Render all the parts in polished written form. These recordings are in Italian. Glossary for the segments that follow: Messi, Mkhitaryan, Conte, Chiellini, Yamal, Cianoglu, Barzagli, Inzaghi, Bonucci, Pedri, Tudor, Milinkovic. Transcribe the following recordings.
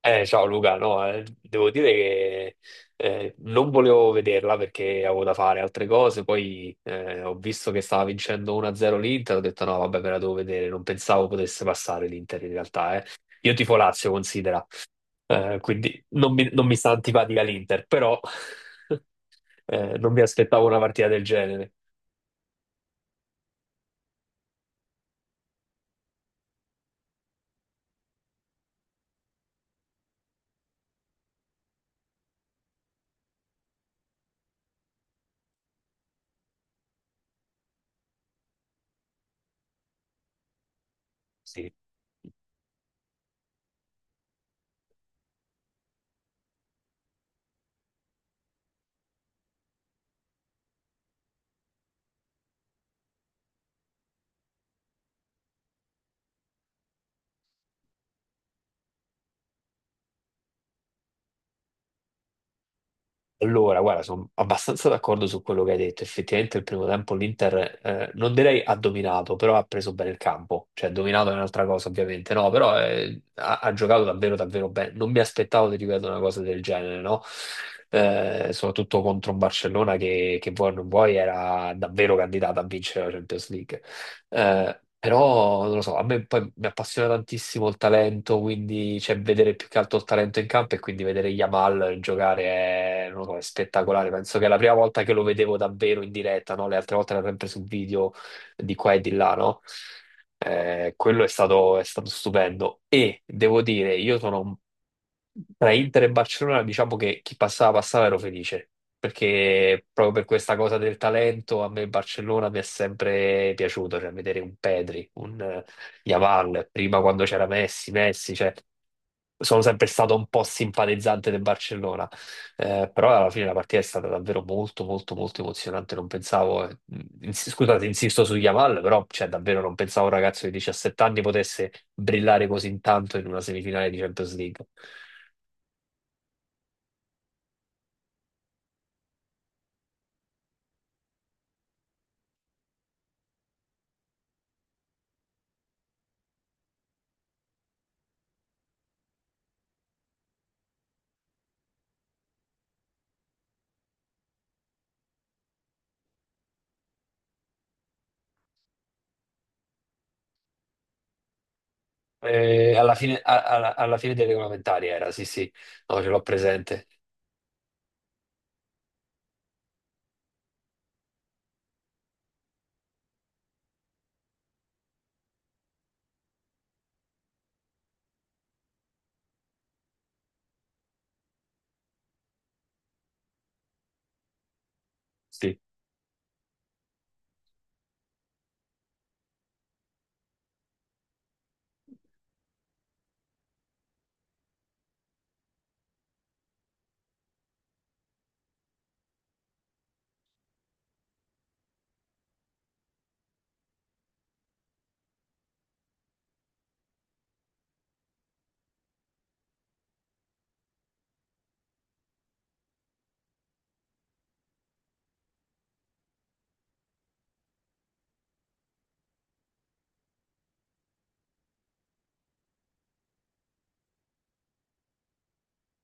Ciao Luca, no, devo dire che non volevo vederla perché avevo da fare altre cose, poi ho visto che stava vincendo 1-0 l'Inter. Ho detto no, vabbè, me la devo vedere. Non pensavo potesse passare l'Inter in realtà, eh. Io tifo Lazio, considera, quindi non mi sta antipatica l'Inter, però non mi aspettavo una partita del genere. Sì. Allora, guarda, sono abbastanza d'accordo su quello che hai detto. Effettivamente il primo tempo l'Inter, non direi ha dominato, però ha preso bene il campo. Cioè, dominato è un'altra cosa, ovviamente, no, però ha giocato davvero, davvero bene. Non mi aspettavo, ti ripeto, una cosa del genere, no? Soprattutto contro un Barcellona che vuoi o non vuoi era davvero candidata a vincere la Champions League. Però non lo so, a me poi mi appassiona tantissimo il talento, quindi cioè, vedere più che altro il talento in campo e quindi vedere Yamal giocare è, non lo so, è spettacolare. Penso che è la prima volta che lo vedevo davvero in diretta, no? Le altre volte era sempre sul video di qua e di là, no? Quello è stato stupendo. E devo dire, io sono tra Inter e Barcellona, diciamo che chi passava passava ero felice perché proprio per questa cosa del talento a me il Barcellona mi è sempre piaciuto, cioè vedere un Pedri, un Yamal, prima quando c'era Messi, Messi, cioè sono sempre stato un po' simpatizzante del Barcellona. Però alla fine la partita è stata davvero molto molto molto emozionante, non pensavo, scusate, insisto su Yamal, però cioè, davvero non pensavo un ragazzo di 17 anni potesse brillare così tanto in una semifinale di Champions League. Alla fine, alla fine dei regolamentari era, sì, sì, no, ce l'ho presente. Sì.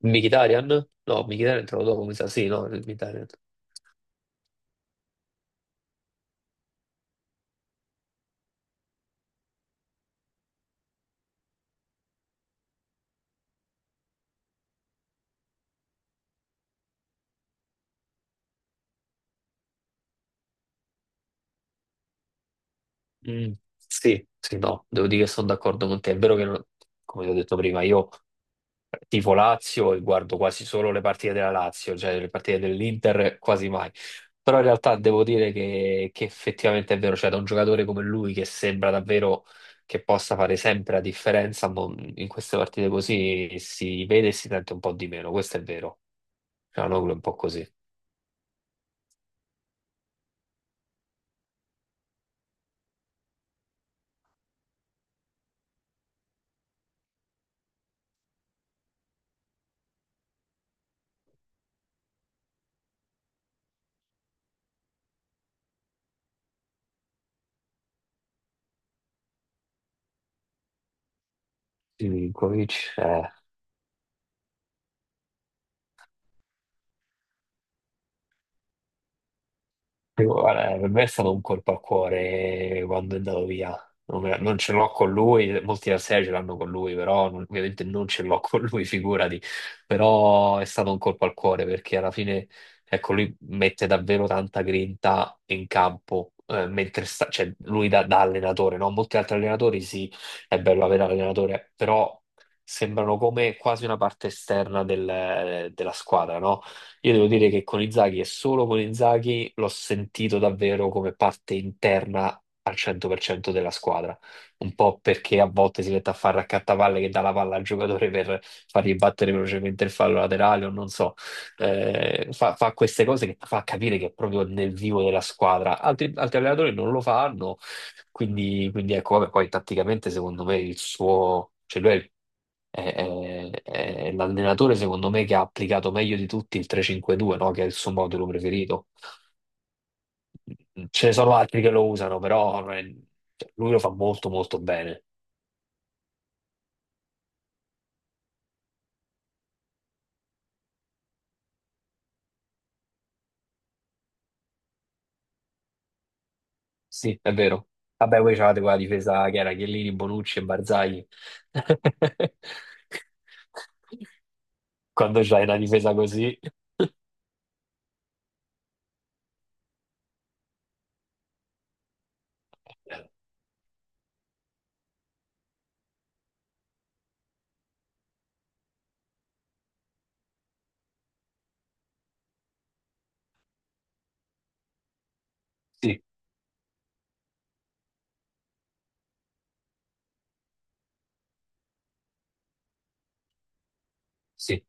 Mkhitaryan? No, Mkhitaryan è entrato dopo, mi sa, sì, no, il Mkhitaryan. Mm, sì, sì, no, devo dire che sono d'accordo con te. È vero che, come ti ho detto prima, io tifo Lazio e guardo quasi solo le partite della Lazio, cioè le partite dell'Inter quasi mai. Però in realtà devo dire che effettivamente è vero, cioè da un giocatore come lui che sembra davvero che possa fare sempre la differenza, mo in queste partite così si vede e si sente un po' di meno, questo è vero. Cianoglu è un po' così. Milinkovic, eh. Sì, guarda, per me è stato un colpo al cuore quando è andato via. Non ce l'ho con lui, molti avversari ce l'hanno con lui, però ovviamente non ce l'ho con lui, figurati. Però è stato un colpo al cuore perché alla fine, ecco, lui mette davvero tanta grinta in campo, mentre sta, cioè, lui da allenatore, no? Molti altri allenatori, sì, è bello avere l'allenatore, però sembrano come quasi una parte esterna della squadra, no? Io devo dire che con Inzaghi e solo con Inzaghi l'ho sentito davvero come parte interna al 100% della squadra. Un po' perché a volte si mette a fare raccattavalle che dà la palla al giocatore per fargli battere velocemente il fallo laterale o non so. Fa queste cose che fa capire che è proprio nel vivo della squadra. Altri allenatori non lo fanno, quindi ecco, vabbè, poi tatticamente secondo me il suo... Cioè lui è il è l'allenatore, secondo me, che ha applicato meglio di tutti il 3-5-2, no? Che è il suo modulo preferito. Ce ne sono altri che lo usano, però non è- cioè, lui lo fa molto molto bene. Sì, è vero. Vabbè, voi c'avete quella difesa che era Chiellini, Bonucci e Barzagli. Quando c'hai una difesa così, sì, sì,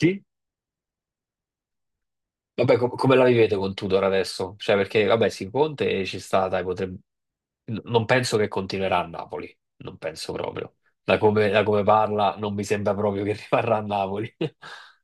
sì. Vabbè, come la vivete con Tudor adesso? Cioè, perché, vabbè, sì, Conte ci sta, dai, potrebbe... Non penso che continuerà a Napoli, non penso proprio. Da come parla, non mi sembra proprio che rimarrà a Napoli.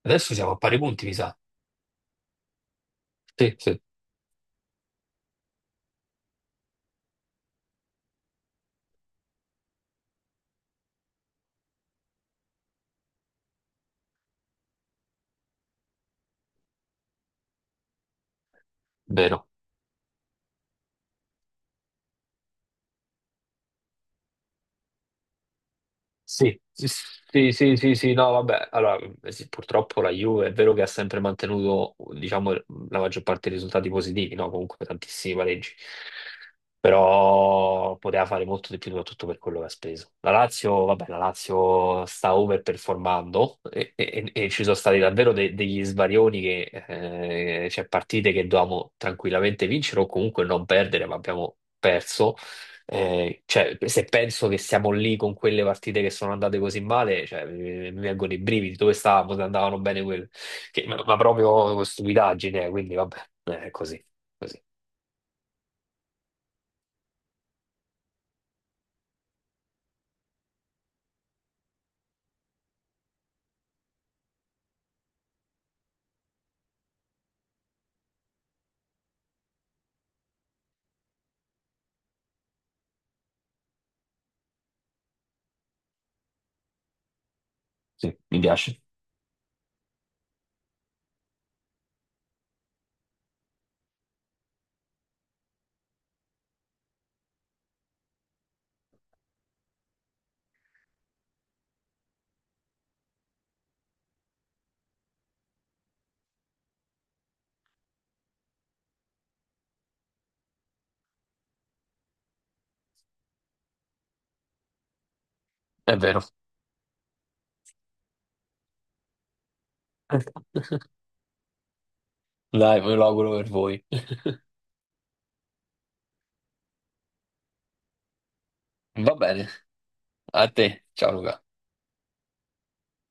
Adesso siamo a pari punti, mi sa. Sì, sì, vero. Sì, sì, sì, sì, sì, sì, no, vabbè, allora, sì, purtroppo la Juve è vero che ha sempre mantenuto, diciamo, la maggior parte dei risultati positivi, no? Comunque tantissimi pareggi, però poteva fare molto di più soprattutto per quello che ha speso. La Lazio, vabbè, la Lazio sta overperformando e ci sono stati davvero degli svarioni che, cioè partite che dovevamo tranquillamente vincere o comunque non perdere, ma abbiamo perso cioè, se penso che siamo lì con quelle partite che sono andate così male, cioè, mi vengono i brividi. Dove stavamo se andavano bene quelle? Che- ma, proprio stupidaggine, quindi vabbè, è così, così. Sì, mi piace. È vero. Dai, me lo auguro per voi. Va bene, a te. Ciao Luca.